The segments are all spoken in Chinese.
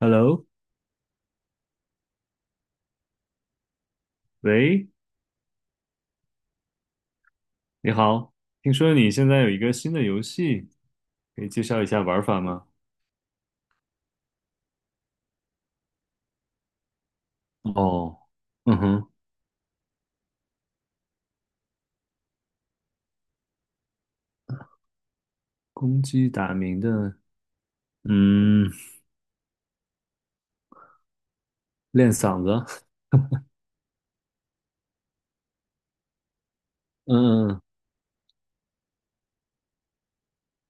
Hello，喂，你好。听说你现在有一个新的游戏，可以介绍一下玩法吗？哦，嗯哼。公鸡打鸣的，嗯，练嗓子。嗯，嗯，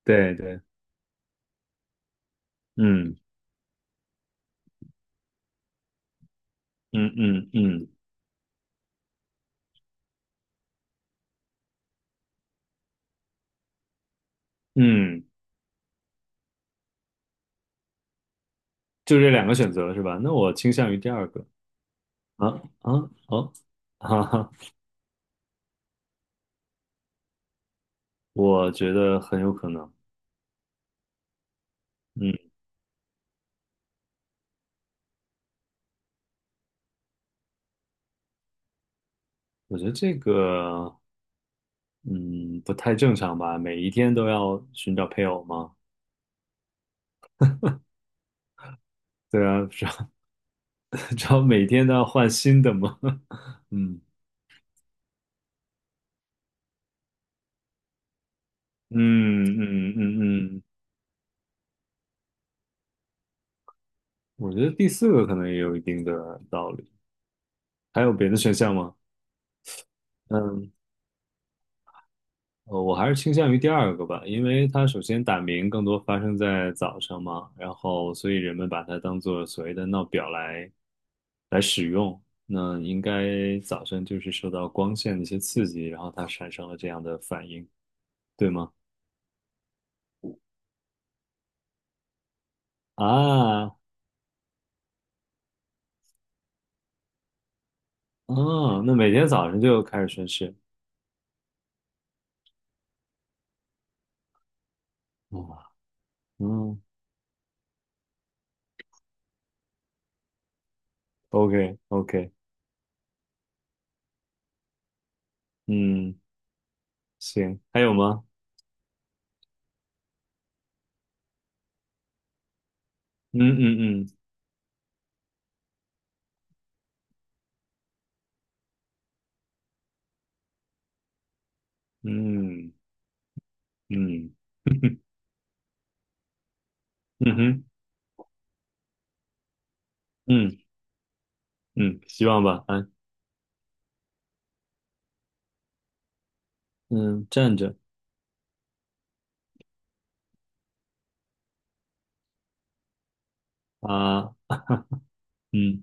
对对，嗯嗯嗯嗯嗯。就这两个选择是吧？那我倾向于第二个。啊，啊，哦，哈哈。我觉得很有可能。嗯，我觉得这个，嗯，不太正常吧？每一天都要寻找配偶吗？对啊，知道每天都要换新的吗？嗯嗯嗯嗯嗯，我觉得第四个可能也有一定的道理。还有别的选项吗？嗯，我还是倾向于第二个吧，因为它首先打鸣更多发生在早上嘛，然后所以人们把它当做所谓的闹表来使用。那应该早晨就是受到光线的一些刺激，然后它产生了这样的反应，对吗？啊，哦，那每天早上就开始宣誓。哇，嗯，OK OK，嗯，行，还有吗？嗯嗯嗯嗯嗯，嗯哼，嗯嗯，希望吧，啊。嗯，站着。啊，嗯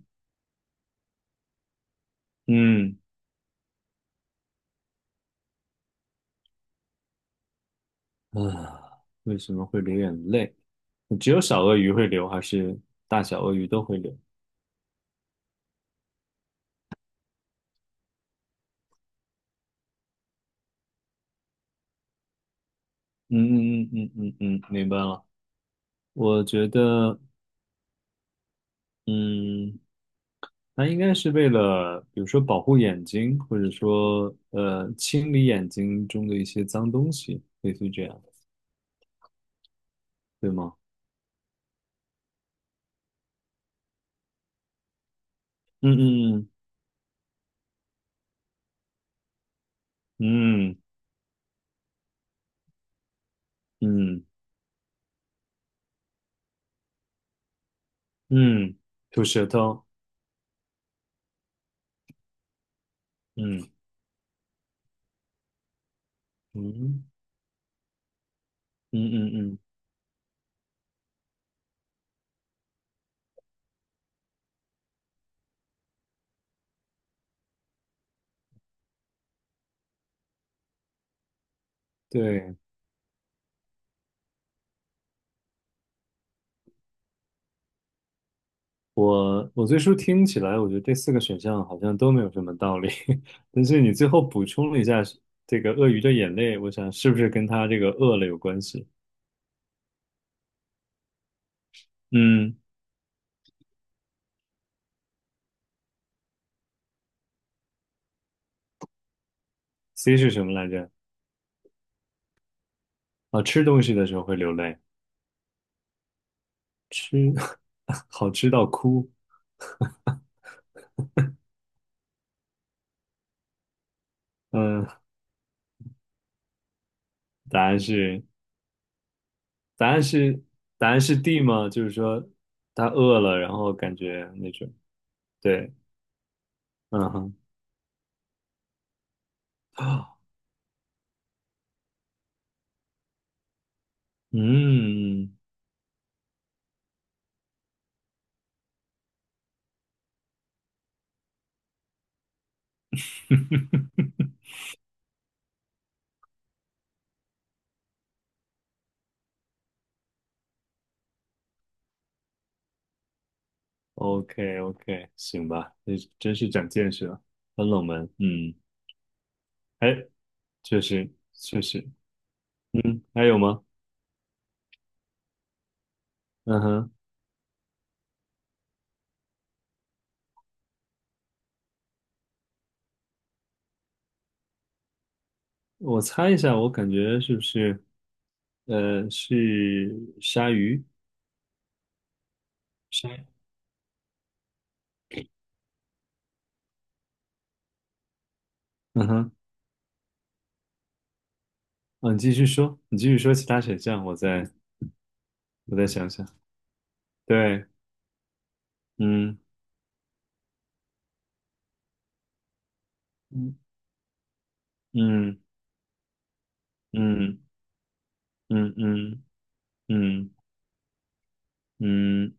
嗯。啊，为什么会流眼泪？只有小鳄鱼会流，还是大小鳄鱼都会流？嗯嗯嗯嗯嗯嗯，明白了。我觉得，嗯。那应该是为了，比如说保护眼睛，或者说清理眼睛中的一些脏东西，类似于这样，对吗？嗯嗯嗯嗯嗯嗯，吐舌头。嗯嗯嗯嗯嗯，对，我最初听起来，我觉得这四个选项好像都没有什么道理。但是你最后补充了一下这个鳄鱼的眼泪，我想是不是跟它这个饿了有关系？嗯，C 是什么来着？啊，吃东西的时候会流泪。吃， 好吃到哭。嗯，答案是，答案是，答案是 D 吗？就是说他饿了，然后感觉那种对，嗯哼，嗯 ，OK OK，行吧。这真是长见识了，很冷门，嗯。哎，确实确实。嗯，还有吗？嗯哼。我猜一下，我感觉是不是呃是鲨鱼？鲨，嗯哼。嗯，你继续说，你继续说其他选项，我再想想。对，嗯嗯嗯嗯嗯嗯嗯嗯，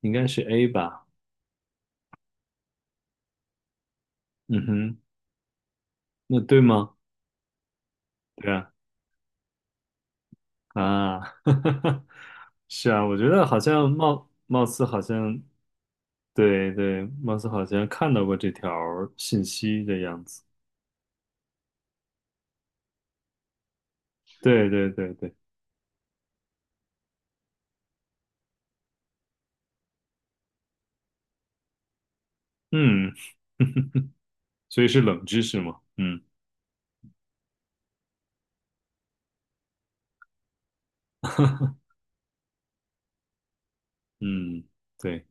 应该是 A 吧？嗯哼，那对吗？对啊，啊，是啊，我觉得好像貌似好像，对对，貌似好像看到过这条信息的样子。对对对对，嗯。所以是冷知识嘛？嗯嗯，对，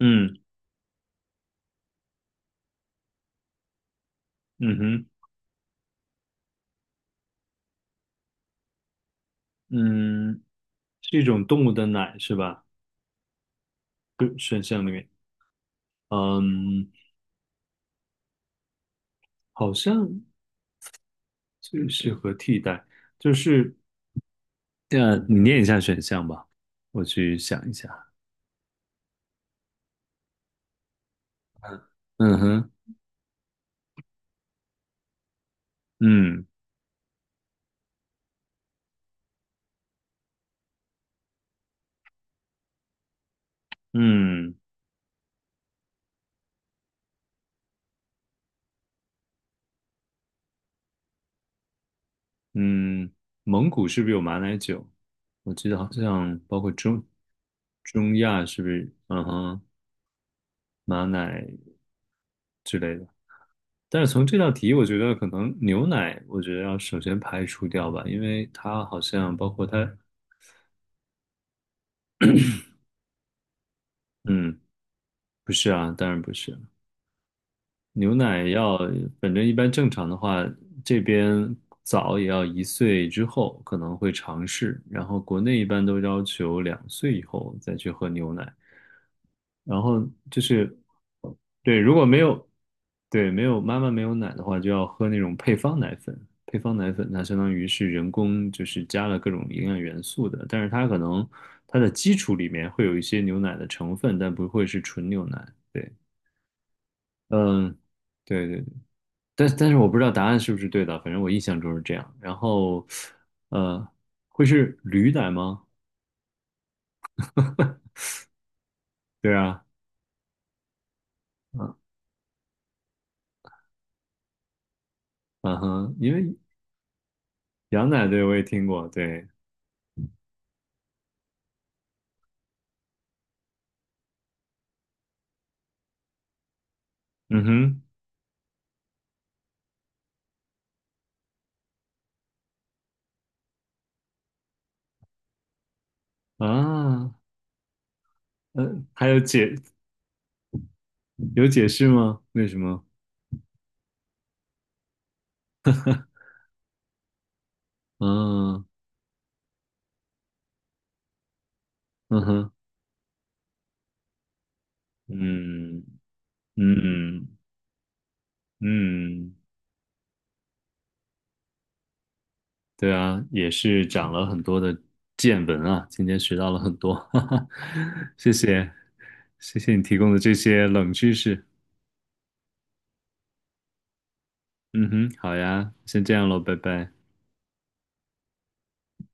嗯嗯哼。嗯，是一种动物的奶是吧？就选项里面，嗯，好像最适合替代，就是这样，你念一下选项吧，我去想一下。嗯哼，嗯嗯嗯。蒙古是不是有马奶酒？我记得好像包括中亚是不是？嗯哼，马奶之类的。但是从这道题，我觉得可能牛奶，我觉得要首先排除掉吧，因为它好像包括它，嗯。不是啊，当然不是。牛奶要，反正一般正常的话，这边早也要1岁之后可能会尝试，然后国内一般都要求2岁以后再去喝牛奶。然后就是，对，如果没有，对，没有妈妈没有奶的话，就要喝那种配方奶粉。配方奶粉它相当于是人工，就是加了各种营养元素的，但是它可能它的基础里面会有一些牛奶的成分，但不会是纯牛奶。对。嗯，对对对，但是我不知道答案是不是对的，反正我印象中是这样。然后，呃，会是驴奶吗？对啊，嗯嗯哼，因为羊奶对我也听过，对，嗯哼，啊，还有解，有解释吗？为什么？嗯嗯哼，嗯嗯嗯。对啊，也是长了很多的见闻啊，今天学到了很多，哈哈，谢谢，谢谢你提供的这些冷知识。嗯哼，好呀，先这样喽，拜拜。